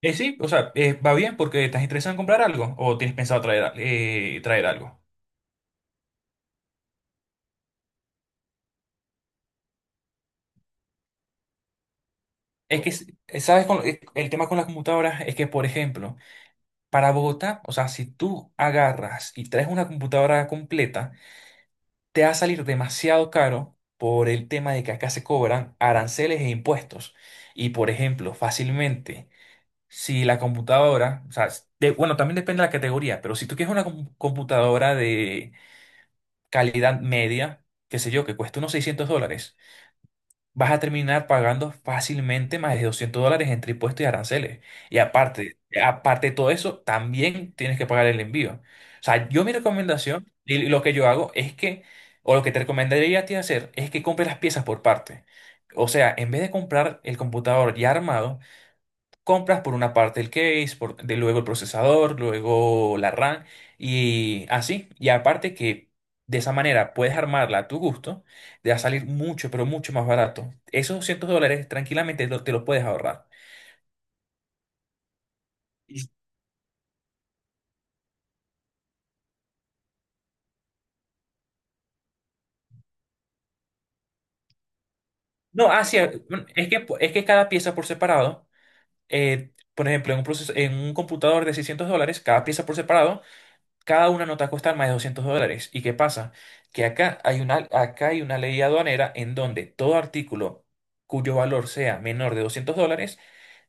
Sí, o sea, va bien. ¿Porque estás interesado en comprar algo o tienes pensado traer, traer algo? Es que, No. s- ¿sabes? El tema con las computadoras es que, por ejemplo, para Bogotá, o sea, si tú agarras y traes una computadora completa, te va a salir demasiado caro por el tema de que acá se cobran aranceles e impuestos. Y, por ejemplo, fácilmente, si la computadora, o sea, bueno, también depende de la categoría, pero si tú quieres una computadora de calidad media, qué sé yo, que cuesta unos 600 dólares, vas a terminar pagando fácilmente más de 200 dólares entre impuestos y aranceles. Y aparte, aparte de todo eso, también tienes que pagar el envío. O sea, yo, mi recomendación y lo que yo hago, es que, o lo que te recomendaría a ti hacer, es que compres las piezas por parte. O sea, en vez de comprar el computador ya armado, compras por una parte el case, por, de luego el procesador, luego la RAM y así. Y aparte que de esa manera puedes armarla a tu gusto, te va a salir mucho, pero mucho más barato. Esos 200 dólares tranquilamente te lo puedes ahorrar. Y- No, así es. Es que, es que cada pieza por separado, por ejemplo, en un proceso, en un computador de 600 dólares, cada pieza por separado, cada una no te va a costar más de 200 dólares. ¿Y qué pasa? Que acá hay una ley aduanera en donde todo artículo cuyo valor sea menor de 200 dólares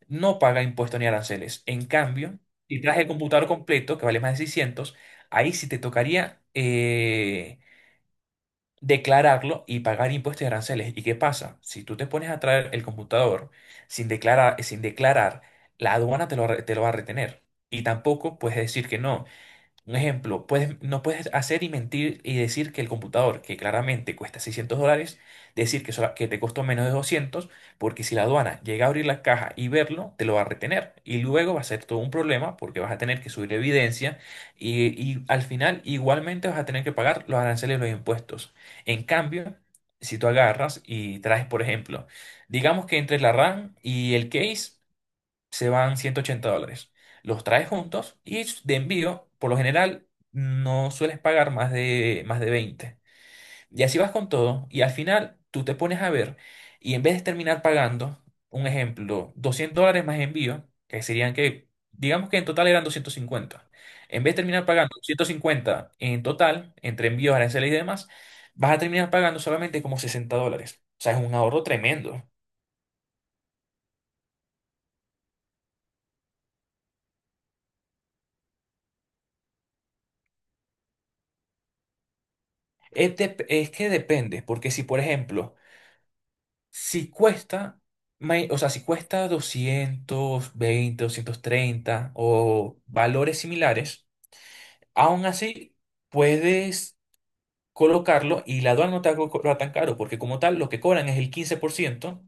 no paga impuestos ni aranceles. En cambio, si traes el computador completo, que vale más de seiscientos, ahí sí te tocaría declararlo y pagar impuestos y aranceles. ¿Y qué pasa? Si tú te pones a traer el computador sin declarar, sin declarar, la aduana te lo, te lo va a retener. Y tampoco puedes decir que no. Un ejemplo, puedes, no puedes hacer y mentir y decir que el computador, que claramente cuesta 600 dólares, decir que, que te costó menos de 200, porque si la aduana llega a abrir la caja y verlo, te lo va a retener. Y luego va a ser todo un problema porque vas a tener que subir evidencia y al final igualmente vas a tener que pagar los aranceles y los impuestos. En cambio, si tú agarras y traes, por ejemplo, digamos que entre la RAM y el case, se van 180 dólares. Los traes juntos y de envío, por lo general, no sueles pagar más de 20. Y así vas con todo y al final tú te pones a ver y en vez de terminar pagando, un ejemplo, 200 dólares más envío, que serían que, digamos que en total eran 250. En vez de terminar pagando 150 en total, entre envíos, aranceles y demás, vas a terminar pagando solamente como 60 dólares. O sea, es un ahorro tremendo. Es, es que depende, porque si por ejemplo, si cuesta, o sea, si cuesta doscientos veinte, doscientos treinta o valores similares, aún así puedes colocarlo y la aduana no te va a cobrar tan caro, porque como tal lo que cobran es el 15%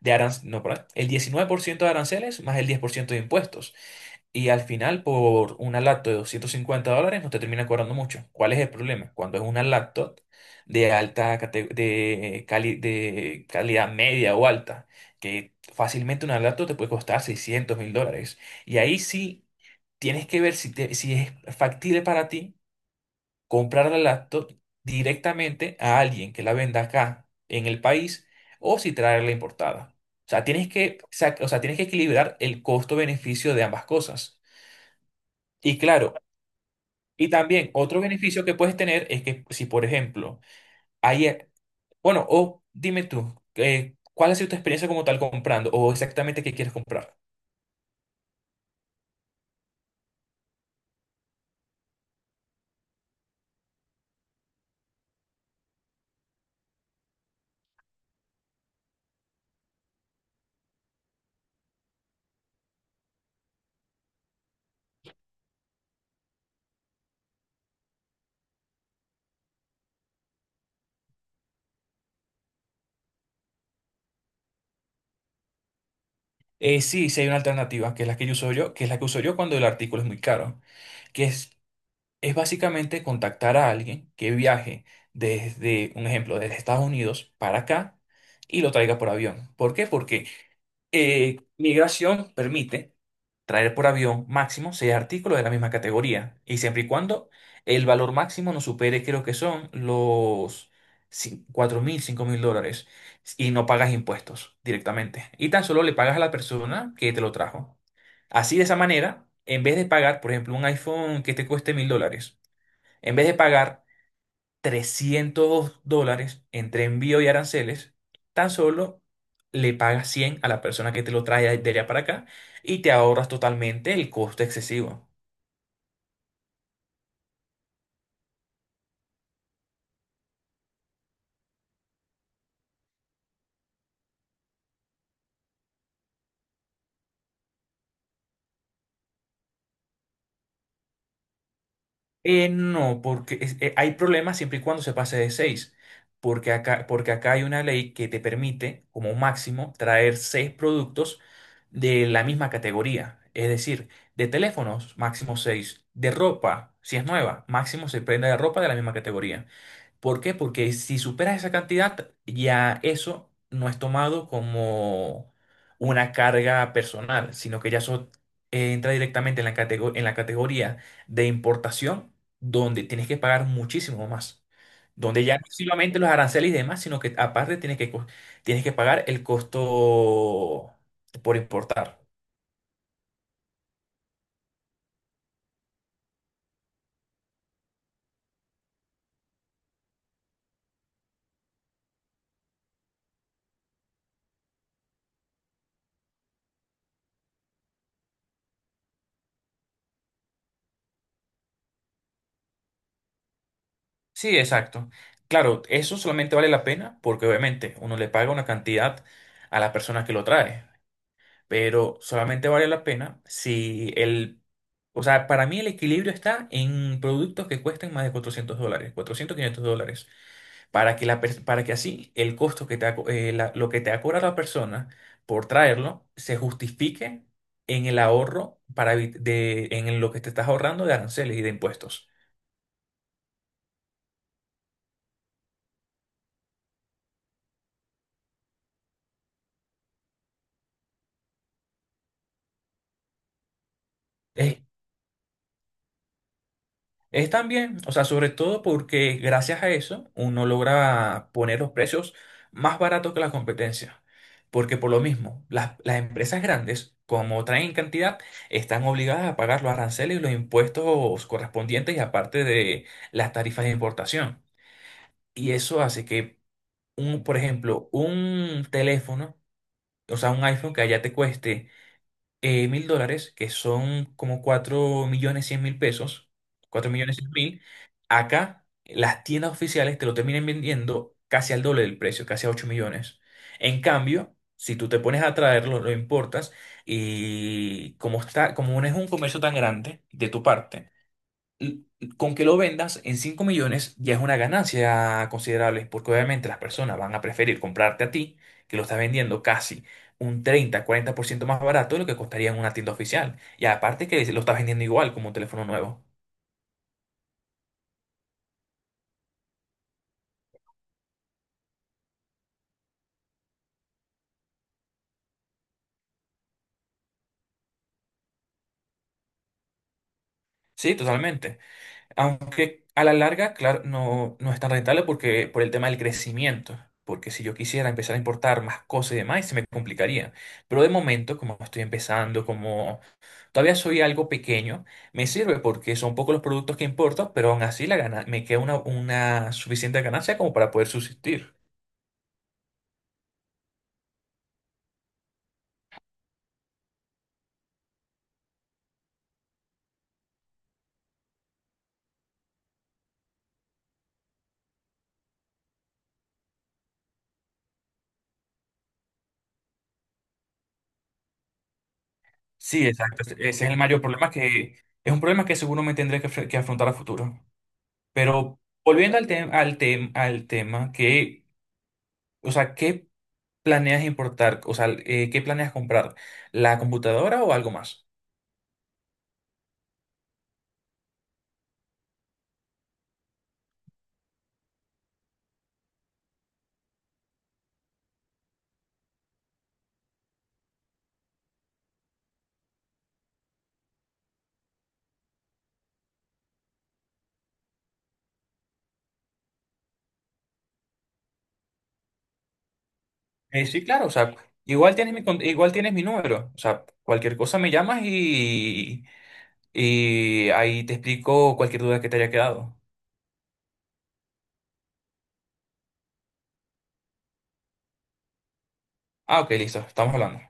de aranceles, no, perdón, el 19% de aranceles más el 10% de impuestos. Y al final, por una laptop de 250 dólares, no te termina cobrando mucho. ¿Cuál es el problema? Cuando es una laptop de alta cate- de, cali- de calidad media o alta, que fácilmente una laptop te puede costar 600 mil dólares. Y ahí sí tienes que ver si, si es factible para ti comprar la laptop directamente a alguien que la venda acá en el país o si traerla importada. O sea, tienes que, o sea, tienes que equilibrar el costo-beneficio de ambas cosas. Y claro, y también otro beneficio que puedes tener es que si, por ejemplo, hay, bueno, o dime tú, ¿cuál ha sido tu experiencia como tal comprando o exactamente qué quieres comprar? Sí, hay una alternativa, que es la que yo uso yo, que es la que uso yo cuando el artículo es muy caro, que es básicamente contactar a alguien que viaje desde, un ejemplo, desde Estados Unidos para acá y lo traiga por avión. ¿Por qué? Porque migración permite traer por avión máximo seis artículos de la misma categoría y siempre y cuando el valor máximo no supere, creo que son los 4 mil, 5 mil dólares, y no pagas impuestos directamente. Y tan solo le pagas a la persona que te lo trajo. Así, de esa manera, en vez de pagar, por ejemplo, un iPhone que te cueste mil dólares, en vez de pagar 300 dólares entre envío y aranceles, tan solo le pagas 100 a la persona que te lo trae de allá para acá y te ahorras totalmente el costo excesivo. No, porque hay problemas siempre y cuando se pase de seis, porque acá hay una ley que te permite, como máximo, traer 6 productos de la misma categoría. Es decir, de teléfonos, máximo seis; de ropa, si es nueva, máximo se prenda de ropa de la misma categoría. ¿Por qué? Porque si superas esa cantidad, ya eso no es tomado como una carga personal, sino que ya eso, entra directamente en la en la categoría de importación, donde tienes que pagar muchísimo más. Donde ya no solamente los aranceles y demás, sino que aparte tienes que, tienes que pagar el costo por importar. Sí, exacto. Claro, eso solamente vale la pena porque obviamente uno le paga una cantidad a la persona que lo trae, pero solamente vale la pena si el... O sea, para mí el equilibrio está en productos que cuesten más de 400 dólares, 400 500 dólares, para que, para que así el costo que te ha lo que te ha cobrado la persona por traerlo se justifique en el ahorro para en lo que te estás ahorrando de aranceles y de impuestos. Es también, o sea, sobre todo porque gracias a eso uno logra poner los precios más baratos que la competencia. Porque por lo mismo, las empresas grandes, como traen cantidad, están obligadas a pagar los aranceles y los impuestos correspondientes y aparte de las tarifas de importación. Y eso hace que, un, por ejemplo, un teléfono, o sea, un iPhone que allá te cueste mil dólares, que son como cuatro millones cien mil pesos, cuatro millones cien mil, acá las tiendas oficiales te lo terminan vendiendo casi al doble del precio, casi a 8 millones. En cambio, si tú te pones a traerlo, lo importas, y como está, como no es un comercio tan grande de tu parte, l- con que lo vendas en 5 millones ya es una ganancia considerable, porque obviamente las personas van a preferir comprarte a ti, que lo estás vendiendo casi un treinta cuarenta por ciento más barato de lo que costaría en una tienda oficial. Y aparte que lo estás vendiendo igual como un teléfono nuevo. Sí, totalmente. Aunque a la larga, claro, no es tan rentable porque por el tema del crecimiento. Porque si yo quisiera empezar a importar más cosas y demás, se me complicaría. Pero de momento, como estoy empezando, como todavía soy algo pequeño, me sirve porque son pocos los productos que importo, pero aún así la gana, me queda una suficiente ganancia como para poder subsistir. Sí, exacto. Ese es el mayor problema. Que es un problema que seguro me tendré que, que afrontar a futuro. Pero volviendo al tema, al al tema que, o sea, ¿qué planeas importar? O sea, ¿qué planeas comprar? ¿La computadora o algo más? Sí, claro, o sea, igual tienes mi, igual tienes mi número. O sea, cualquier cosa me llamas y ahí te explico cualquier duda que te haya quedado. Ah, ok, listo, estamos hablando.